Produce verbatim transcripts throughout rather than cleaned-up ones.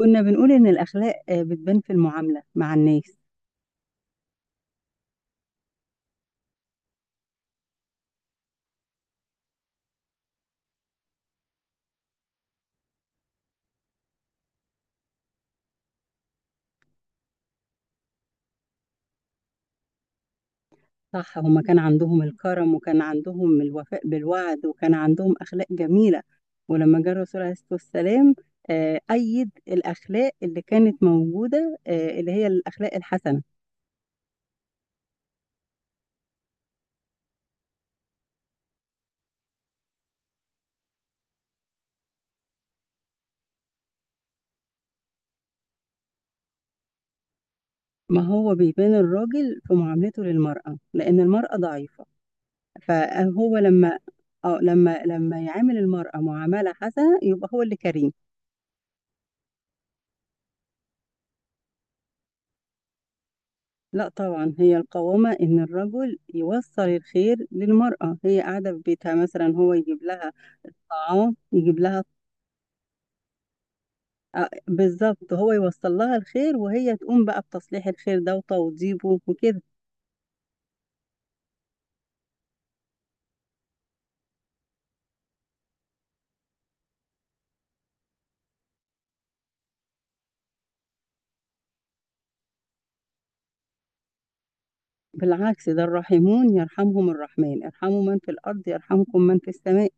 كنا بنقول إن الأخلاق آه، بتبان في المعاملة مع الناس. صح، هما كان عندهم الكرم، وكان عندهم الوفاء بالوعد، وكان عندهم أخلاق جميلة. ولما جه الرسول عليه الصلاة والسلام آه، أيد الأخلاق اللي كانت موجودة، آه، اللي هي الأخلاق الحسنة. ما هو بيبان الراجل في معاملته للمرأة لأن المرأة ضعيفة. فهو لما اه لما لما يعامل المرأة معاملة حسنة يبقى هو اللي كريم. لا طبعا، هي القوامة إن الرجل يوصل الخير للمرأة، هي قاعدة في بيتها مثلا، هو يجيب لها طعام، يجيب لها. آه، بالظبط، هو يوصل لها الخير وهي تقوم بقى بتصليح الخير ده وتوضيبه وكده. بالعكس، ده الراحمون يرحمهم الرحمن، ارحموا من في الأرض يرحمكم من في السماء.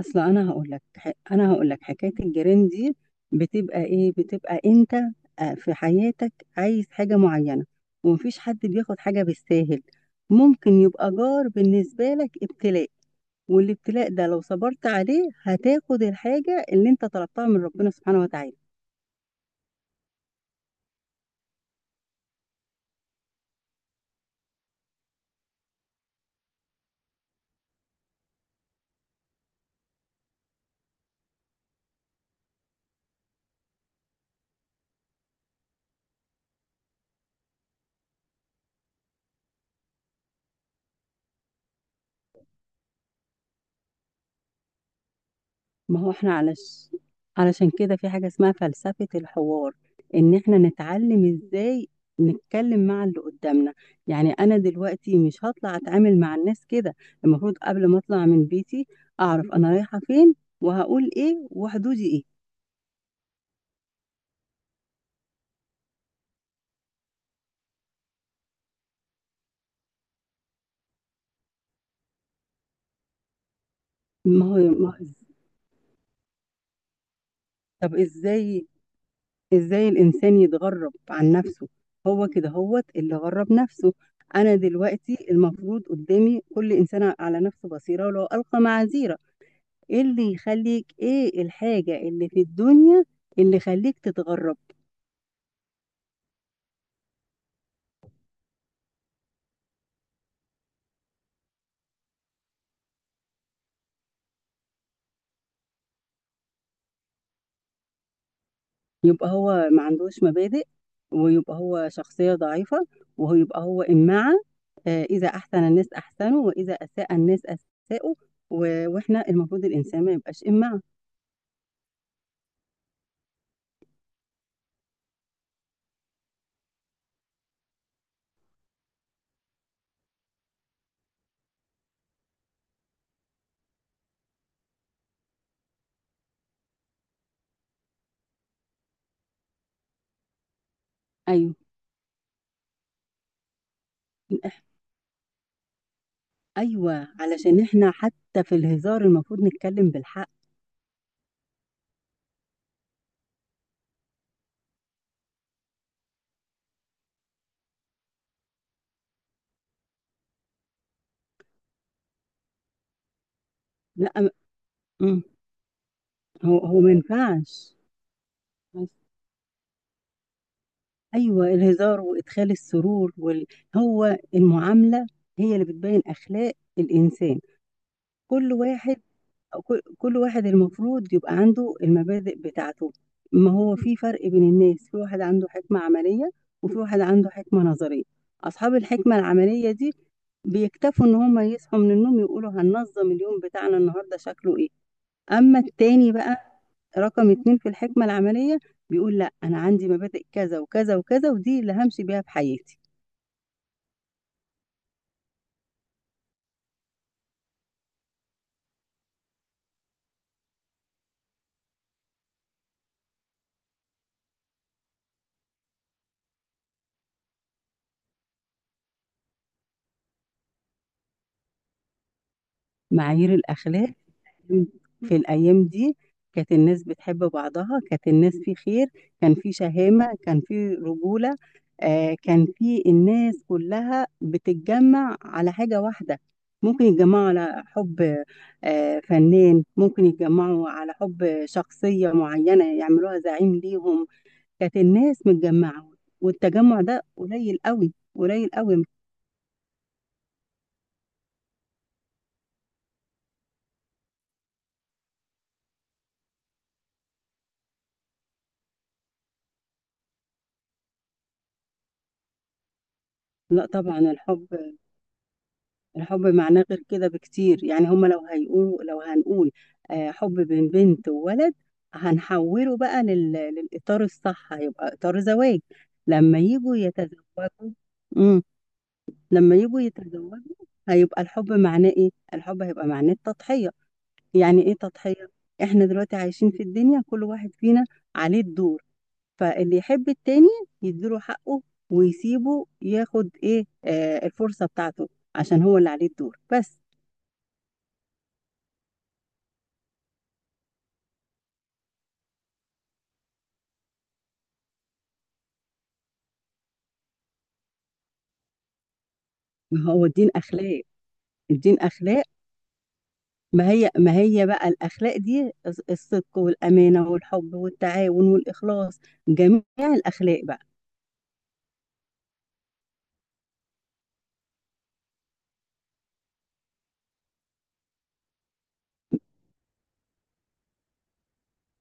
اصل انا هقول لك انا هقول لك حكايه الجيران دي. بتبقى ايه؟ بتبقى انت آه، في حياتك عايز حاجه معينه، ومفيش حد بياخد حاجه بالساهل. ممكن يبقى جار بالنسبه لك ابتلاء، والابتلاء ده لو صبرت عليه هتاخد الحاجه اللي انت طلبتها من ربنا سبحانه وتعالى. ما هو احنا علش... علشان كده في حاجة اسمها فلسفة الحوار، ان احنا نتعلم ازاي نتكلم مع اللي قدامنا. يعني انا دلوقتي مش هطلع اتعامل مع الناس كده. المفروض قبل ما اطلع من بيتي اعرف انا رايحة فين، وهقول ايه، وحدودي ايه. ما هو ما هو إز- طب ازاي ازاي الانسان يتغرب عن نفسه؟ هو كده هوت اللي غرب نفسه. انا دلوقتي المفروض قدامي كل انسان على نفسه بصيرة ولو القى معاذيره. ايه اللي يخليك، ايه الحاجة اللي في الدنيا اللي يخليك تتغرب؟ يبقى هو ما عندوش مبادئ، ويبقى هو شخصية ضعيفة، وهو يبقى هو إمعة. آه، إذا أحسن الناس أحسنوا وإذا أساء الناس أساءوا. و- وإحنا المفروض الإنسان ما يبقاش إمعة. أيوه. أيوه، علشان إحنا حتى في الهزار المفروض نتكلم بالحق. لا م- مم. هو هو ما ينفعش. ايوه، الهزار وادخال السرور وال... هو المعامله هي اللي بتبين اخلاق الانسان. كل واحد، كل كل واحد المفروض يبقى عنده المبادئ بتاعته. ما هو في فرق بين الناس: في واحد عنده حكمه عمليه، وفي واحد عنده حكمه نظريه. اصحاب الحكمه العمليه دي بيكتفوا ان هم يصحوا من النوم يقولوا هننظم اليوم بتاعنا النهارده شكله ايه. اما التاني بقى، رقم اتنين في الحكمة العملية، بيقول لا، انا عندي مبادئ كذا وكذا وكذا، ودي اللي همشي بيها في حياتي. معايير الاخلاق في الايام دي، كانت الناس بتحب بعضها، كانت الناس في خير، كان في شهامة، كان في رجولة. آه، كان في الناس كلها بتتجمع على حاجة واحدة. ممكن يتجمعوا على حب، آه، فنان، ممكن يتجمعوا على حب شخصية معينة يعملوها زعيم ليهم. كانت الناس متجمعة، والتجمع ده قليل قوي قليل قوي. لا طبعا، الحب، الحب معناه غير كده بكتير. يعني هما لو هيقولوا، لو هنقول آه، حب بين بنت وولد، هنحوله بقى لل... للإطار الصح، هيبقى إطار زواج لما يجوا يتزوجوا. امم. لما يجوا يتزوجوا هيبقى الحب معناه ايه؟ الحب هيبقى معناه التضحية. يعني ايه تضحية؟ احنا دلوقتي عايشين في الدنيا، كل واحد فينا عليه الدور. فاللي يحب التاني يديله حقه، ويسيبه ياخد ايه آه الفرصة بتاعته، عشان هو اللي عليه الدور بس. ما هو الدين أخلاق. الدين أخلاق. ما هي ما هي بقى الأخلاق دي؟ الص- الصدق والأمانة والحب والتعاون والإخلاص، جميع الأخلاق بقى.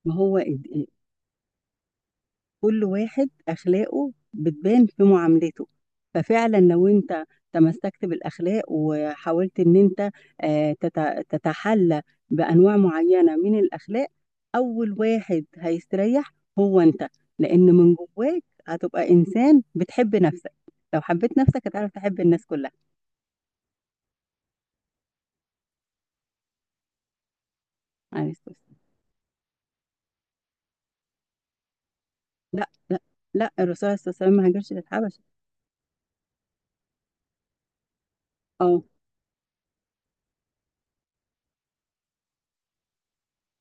ما هو كل واحد أخلاقه بتبان في معاملته. ففعلا لو أنت تمسكت بالأخلاق وحاولت إن أنت آه، تت- تتحلى بأنواع معينة من الأخلاق، أول واحد هيستريح هو أنت. لأن من جواك هتبقى إنسان بتحب نفسك. لو حبيت نفسك هتعرف تحب الناس كلها. عليه الصلاة والسلام. لا، لا، لا، الرسول عليه الصلاة والسلام ما هاجرش للحبشة. اه،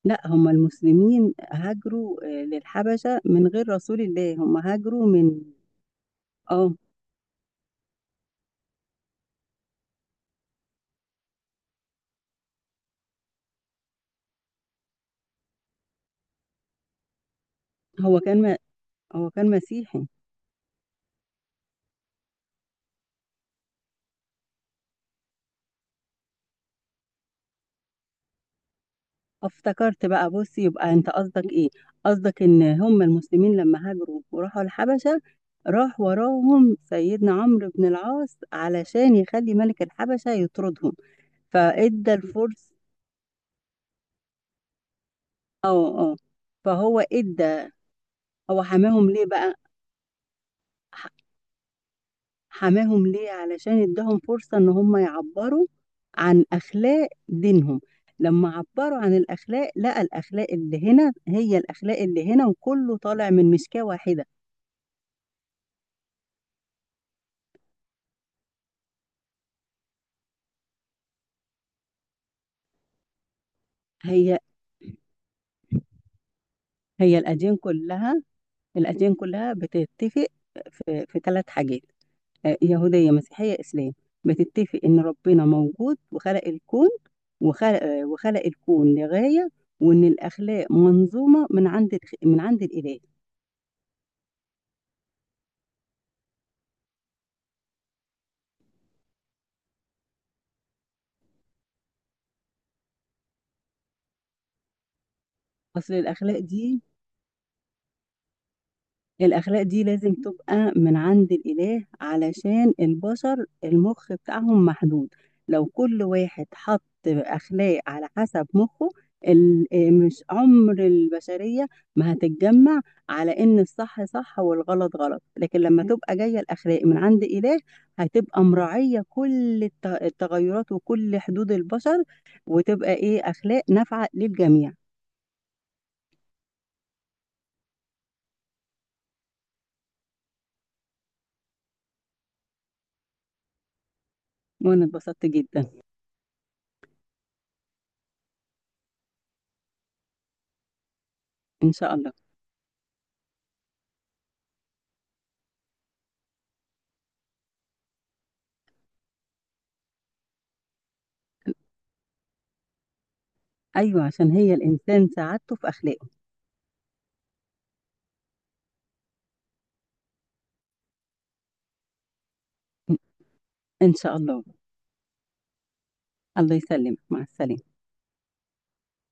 لا، هم المسلمين هاجروا آه، للحبشة من غير رسول الله. هم هاجروا من... اه. هو كان م... هو كان مسيحي. افتكرت بقى، بص، يبقى انت قصدك ايه؟ قصدك ان هم المسلمين لما هاجروا وراحوا الحبشة، راح وراهم سيدنا عمرو بن العاص علشان يخلي ملك الحبشة يطردهم، فادى الفرس. اه، اه، فهو ادى. هو حماهم ليه بقى؟ حماهم ليه؟ علشان اداهم فرصة ان هم يعبروا عن اخلاق دينهم. لما عبروا عن الاخلاق لقى الاخلاق اللي هنا هي الاخلاق اللي هنا، وكله طالع من مسكاة واحدة. هي هي الاديان كلها الاديان كلها بتتفق في في ثلاث حاجات: آه، يهودية، مسيحية، اسلام. بتتفق ان ربنا موجود وخلق الكون، وخلق آه، وخلق الكون لغاية، وان الاخلاق منظومة من عند من عند الاله. اصل الاخلاق دي الأخلاق دي لازم تبقى من عند الإله علشان البشر المخ بتاعهم محدود. لو كل واحد حط أخلاق على حسب مخه، ال- آه، مش عمر البشرية ما هتتجمع على إن الصح صح والغلط غلط. لكن لما تبقى جاية الأخلاق من عند إله، هتبقى مراعية كل الت- التغيرات وكل حدود البشر، وتبقى إيه أخلاق نافعة للجميع. وأنا اتبسطت جدا. إن شاء الله. أيوه، عشان هي الإنسان سعادته في أخلاقه. إن شاء الله. الله يسلمك، مع السلامة.